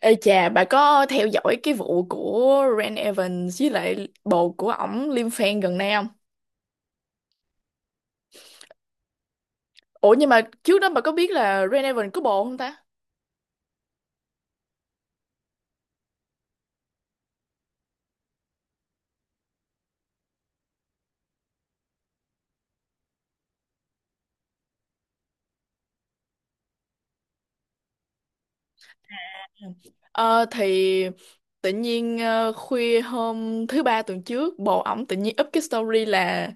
Ê chà, bà có theo dõi cái vụ của Ren Evans với lại bồ của ổng Lim Fan gần đây không? Ủa nhưng mà trước đó bà có biết là Ren Evans có bồ không ta? Ờ thì tự nhiên khuya hôm thứ ba tuần trước bồ ổng tự nhiên up cái story là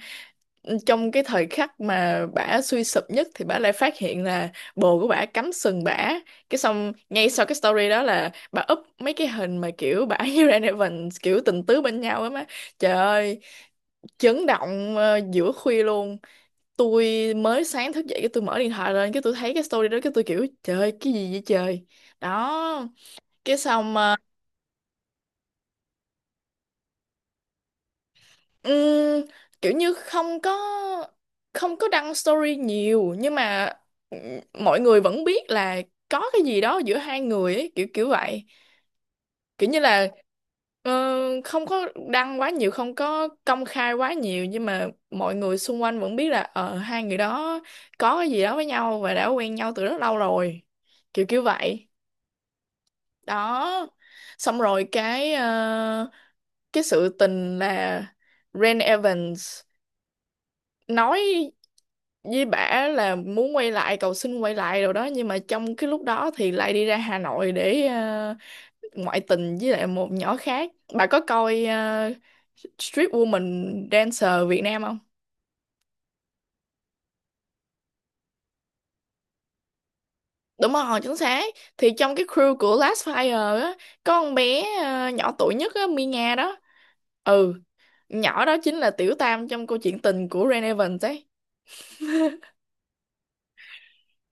trong cái thời khắc mà bả suy sụp nhất thì bả lại phát hiện là bồ của bả cắm sừng bả, cái xong ngay sau cái story đó là bả up mấy cái hình mà kiểu bả với Ren Evans kiểu tình tứ bên nhau. Á má, trời ơi, chấn động, giữa khuya luôn. Tôi mới sáng thức dậy cái tôi mở điện thoại lên, cái tôi thấy cái story đó, cái tôi kiểu trời ơi, cái gì vậy trời, đó. Cái xong Ừm, kiểu như không có, không có đăng story nhiều nhưng mà ừm, mọi người vẫn biết là có cái gì đó giữa hai người ấy, kiểu kiểu vậy, kiểu như là ờ, không có đăng quá nhiều, không có công khai quá nhiều nhưng mà mọi người xung quanh vẫn biết là, hai người đó có cái gì đó với nhau và đã quen nhau từ rất lâu rồi, kiểu kiểu vậy đó. Xong rồi cái sự tình là Ren Evans nói với bả là muốn quay lại, cầu xin quay lại rồi đó, nhưng mà trong cái lúc đó thì lại đi ra Hà Nội để ngoại tình với lại một nhỏ khác. Bà có coi Street Woman Dancer Việt Nam không? Đúng rồi, chính xác. Thì trong cái crew của Last Fire á, có con bé nhỏ tuổi nhất á, Mia đó. Ừ, nhỏ đó chính là tiểu tam trong câu chuyện tình của Ren Evans ấy.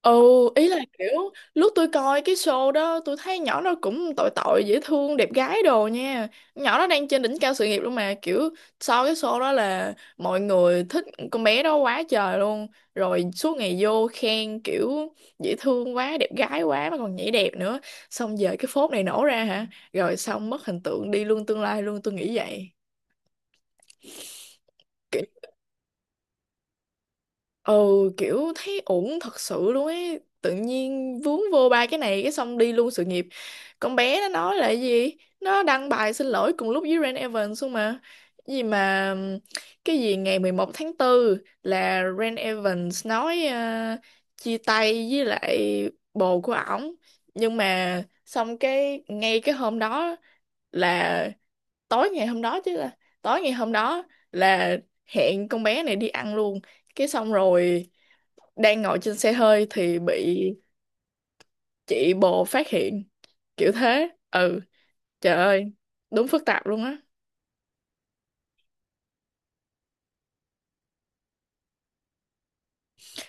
Ừ, ý là kiểu lúc tôi coi cái show đó tôi thấy nhỏ nó cũng tội tội, dễ thương, đẹp gái đồ nha. Nhỏ nó đang trên đỉnh cao sự nghiệp luôn mà, kiểu sau cái show đó là mọi người thích con bé đó quá trời luôn, rồi suốt ngày vô khen kiểu dễ thương quá, đẹp gái quá mà còn nhảy đẹp nữa. Xong giờ cái phốt này nổ ra hả, rồi xong mất hình tượng đi luôn, tương lai luôn, tôi nghĩ vậy. Ừ, kiểu thấy ổn thật sự luôn ấy, tự nhiên vướng vô ba cái này cái xong đi luôn sự nghiệp. Con bé nó nói là cái gì, nó đăng bài xin lỗi cùng lúc với Rain Evans luôn mà. Cái gì mà cái gì ngày 11 tháng 4 là Rain Evans nói chia tay với lại bồ của ổng, nhưng mà xong cái ngay cái hôm đó là tối ngày hôm đó, chứ là tối ngày hôm đó là hẹn con bé này đi ăn luôn. Cái xong rồi đang ngồi trên xe hơi thì bị chị bồ phát hiện, kiểu thế. Ừ, trời ơi, đúng phức tạp luôn á.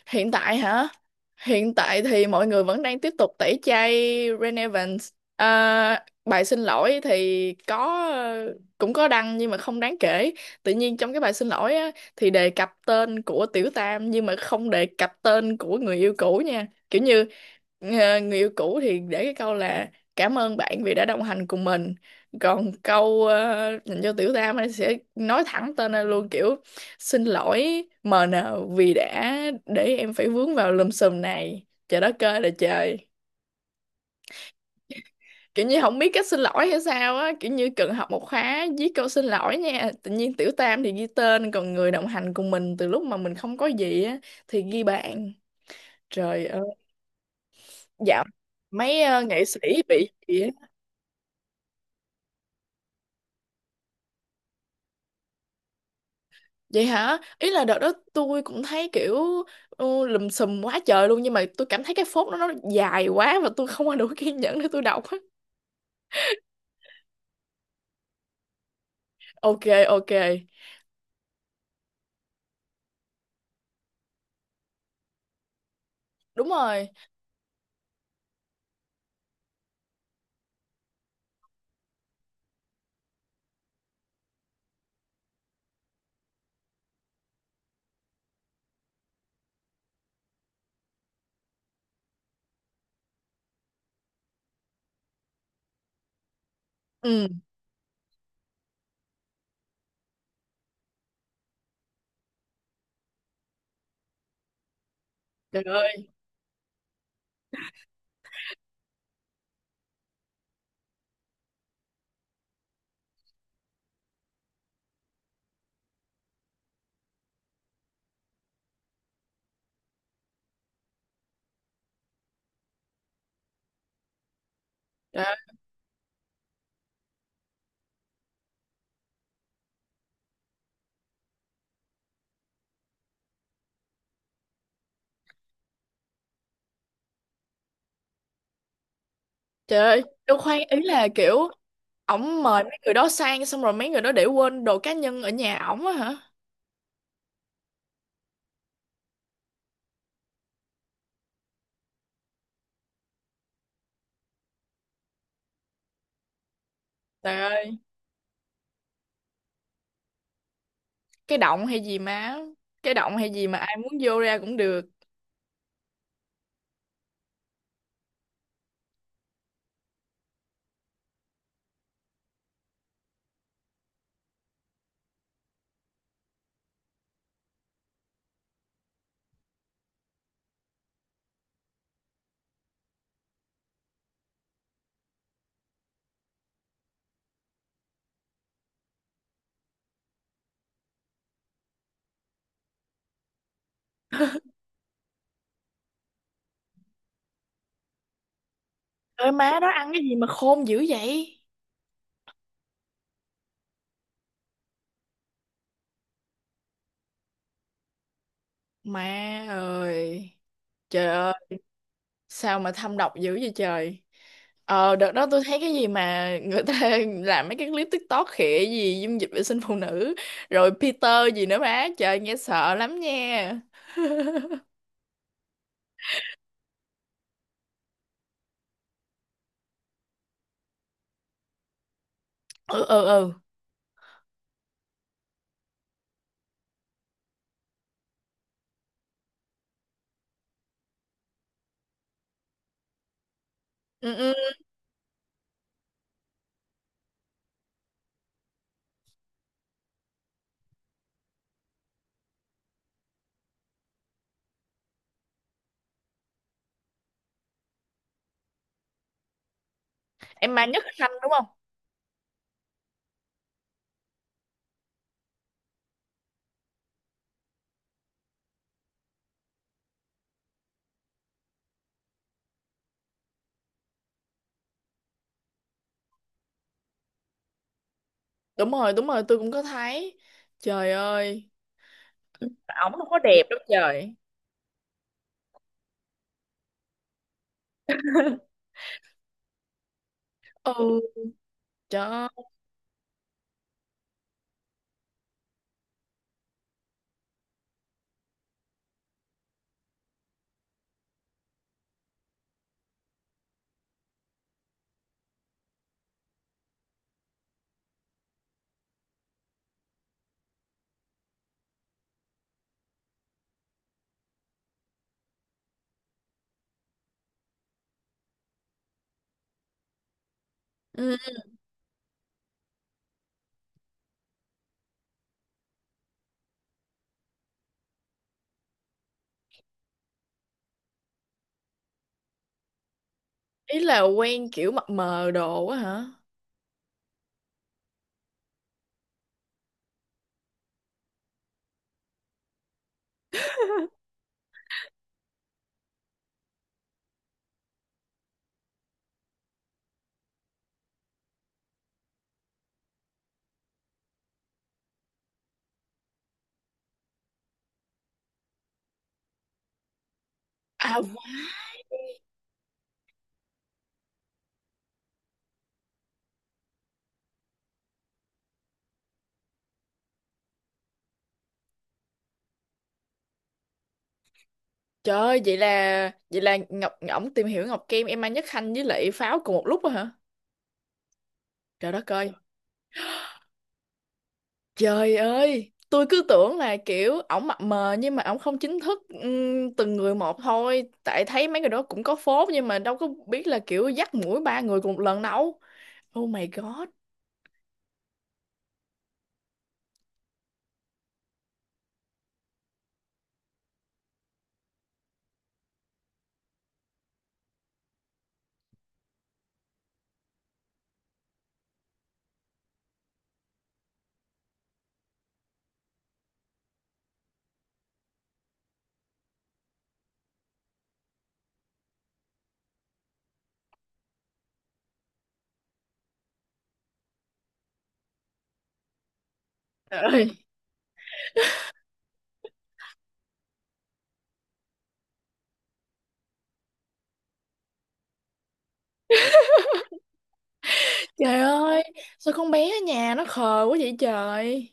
Hiện tại hả? Hiện tại thì mọi người vẫn đang tiếp tục tẩy chay Ren Evans. À, bài xin lỗi thì có, cũng có đăng nhưng mà không đáng kể. Tự nhiên trong cái bài xin lỗi á, thì đề cập tên của Tiểu Tam nhưng mà không đề cập tên của người yêu cũ nha. Kiểu như người yêu cũ thì để cái câu là cảm ơn bạn vì đã đồng hành cùng mình. Còn câu dành cho Tiểu Tam ấy sẽ nói thẳng tên ra luôn, kiểu xin lỗi MN vì đã để em phải vướng vào lùm xùm này. Trời đất ơi là trời. Kiểu như không biết cách xin lỗi hay sao á. Kiểu như cần học một khóa viết câu xin lỗi nha. Tự nhiên tiểu tam thì ghi tên, còn người đồng hành cùng mình từ lúc mà mình không có gì á thì ghi bạn. Trời ơi. Dạo mấy nghệ sĩ bị gì á. Vậy hả? Ý là đợt đó tôi cũng thấy kiểu ừ, lùm xùm quá trời luôn. Nhưng mà tôi cảm thấy cái phốt đó nó dài quá, và tôi không có đủ kiên nhẫn để tôi đọc á. Ok, ok, đúng rồi, ừ, trời ơi, trời ơi, trời ơi, đâu khoan, ý là kiểu ổng mời mấy người đó sang xong rồi mấy người đó để quên đồ cá nhân ở nhà ổng á hả? Trời ơi, cái động hay gì má, cái động hay gì mà ai muốn vô ra cũng được. Trời ơi, má đó ăn cái gì mà khôn dữ vậy. Má ơi, trời ơi, sao mà thâm độc dữ vậy trời. Ờ, đợt đó tôi thấy cái gì mà người ta làm mấy cái clip TikTok khịa gì dung dịch vệ sinh phụ nữ, rồi Peter gì nữa má, trời nghe sợ lắm nha. Ừ, ừ, ừ, ừ, ừ, em mang nhất khanh đúng không? Đúng rồi, đúng rồi, tôi cũng có thấy. Trời ơi, ổng không có đẹp đâu trời. Ừ, trời ơi. Ừ. Ý là quen kiểu mập mờ đồ á hả? À vâng. Trời ơi, vậy là, vậy là Ngọc, ổng tìm hiểu Ngọc Kim, em mang nhất khanh với lại Pháo cùng một lúc á hả? Trời đất ơi. Trời ơi, tôi cứ tưởng là kiểu ổng mập mờ nhưng mà ổng không chính thức từng người một thôi. Tại thấy mấy người đó cũng có phốt nhưng mà đâu có biết là kiểu dắt mũi ba người cùng một lần đâu. Oh my god. Trời ơi, trời ơi, sao con bé ở nhà nó khờ quá vậy trời.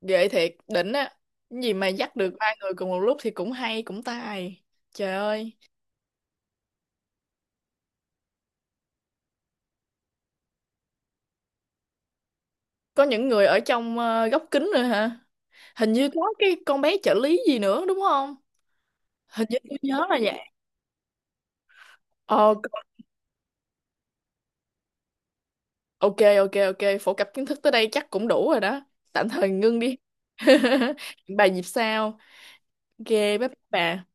Ghê thiệt, đỉnh á. Cái gì mà dắt được ba người cùng một lúc thì cũng hay, cũng tài. Trời ơi, có những người ở trong góc kính rồi hả? Hình như có cái con bé trợ lý gì nữa đúng không? Hình như tôi nhớ là vậy. Ờ. Ok, ok, ok, phổ cập kiến thức tới đây chắc cũng đủ rồi đó, tạm thời ngưng đi. Hẹn bà dịp sau. Ok bye bye bà.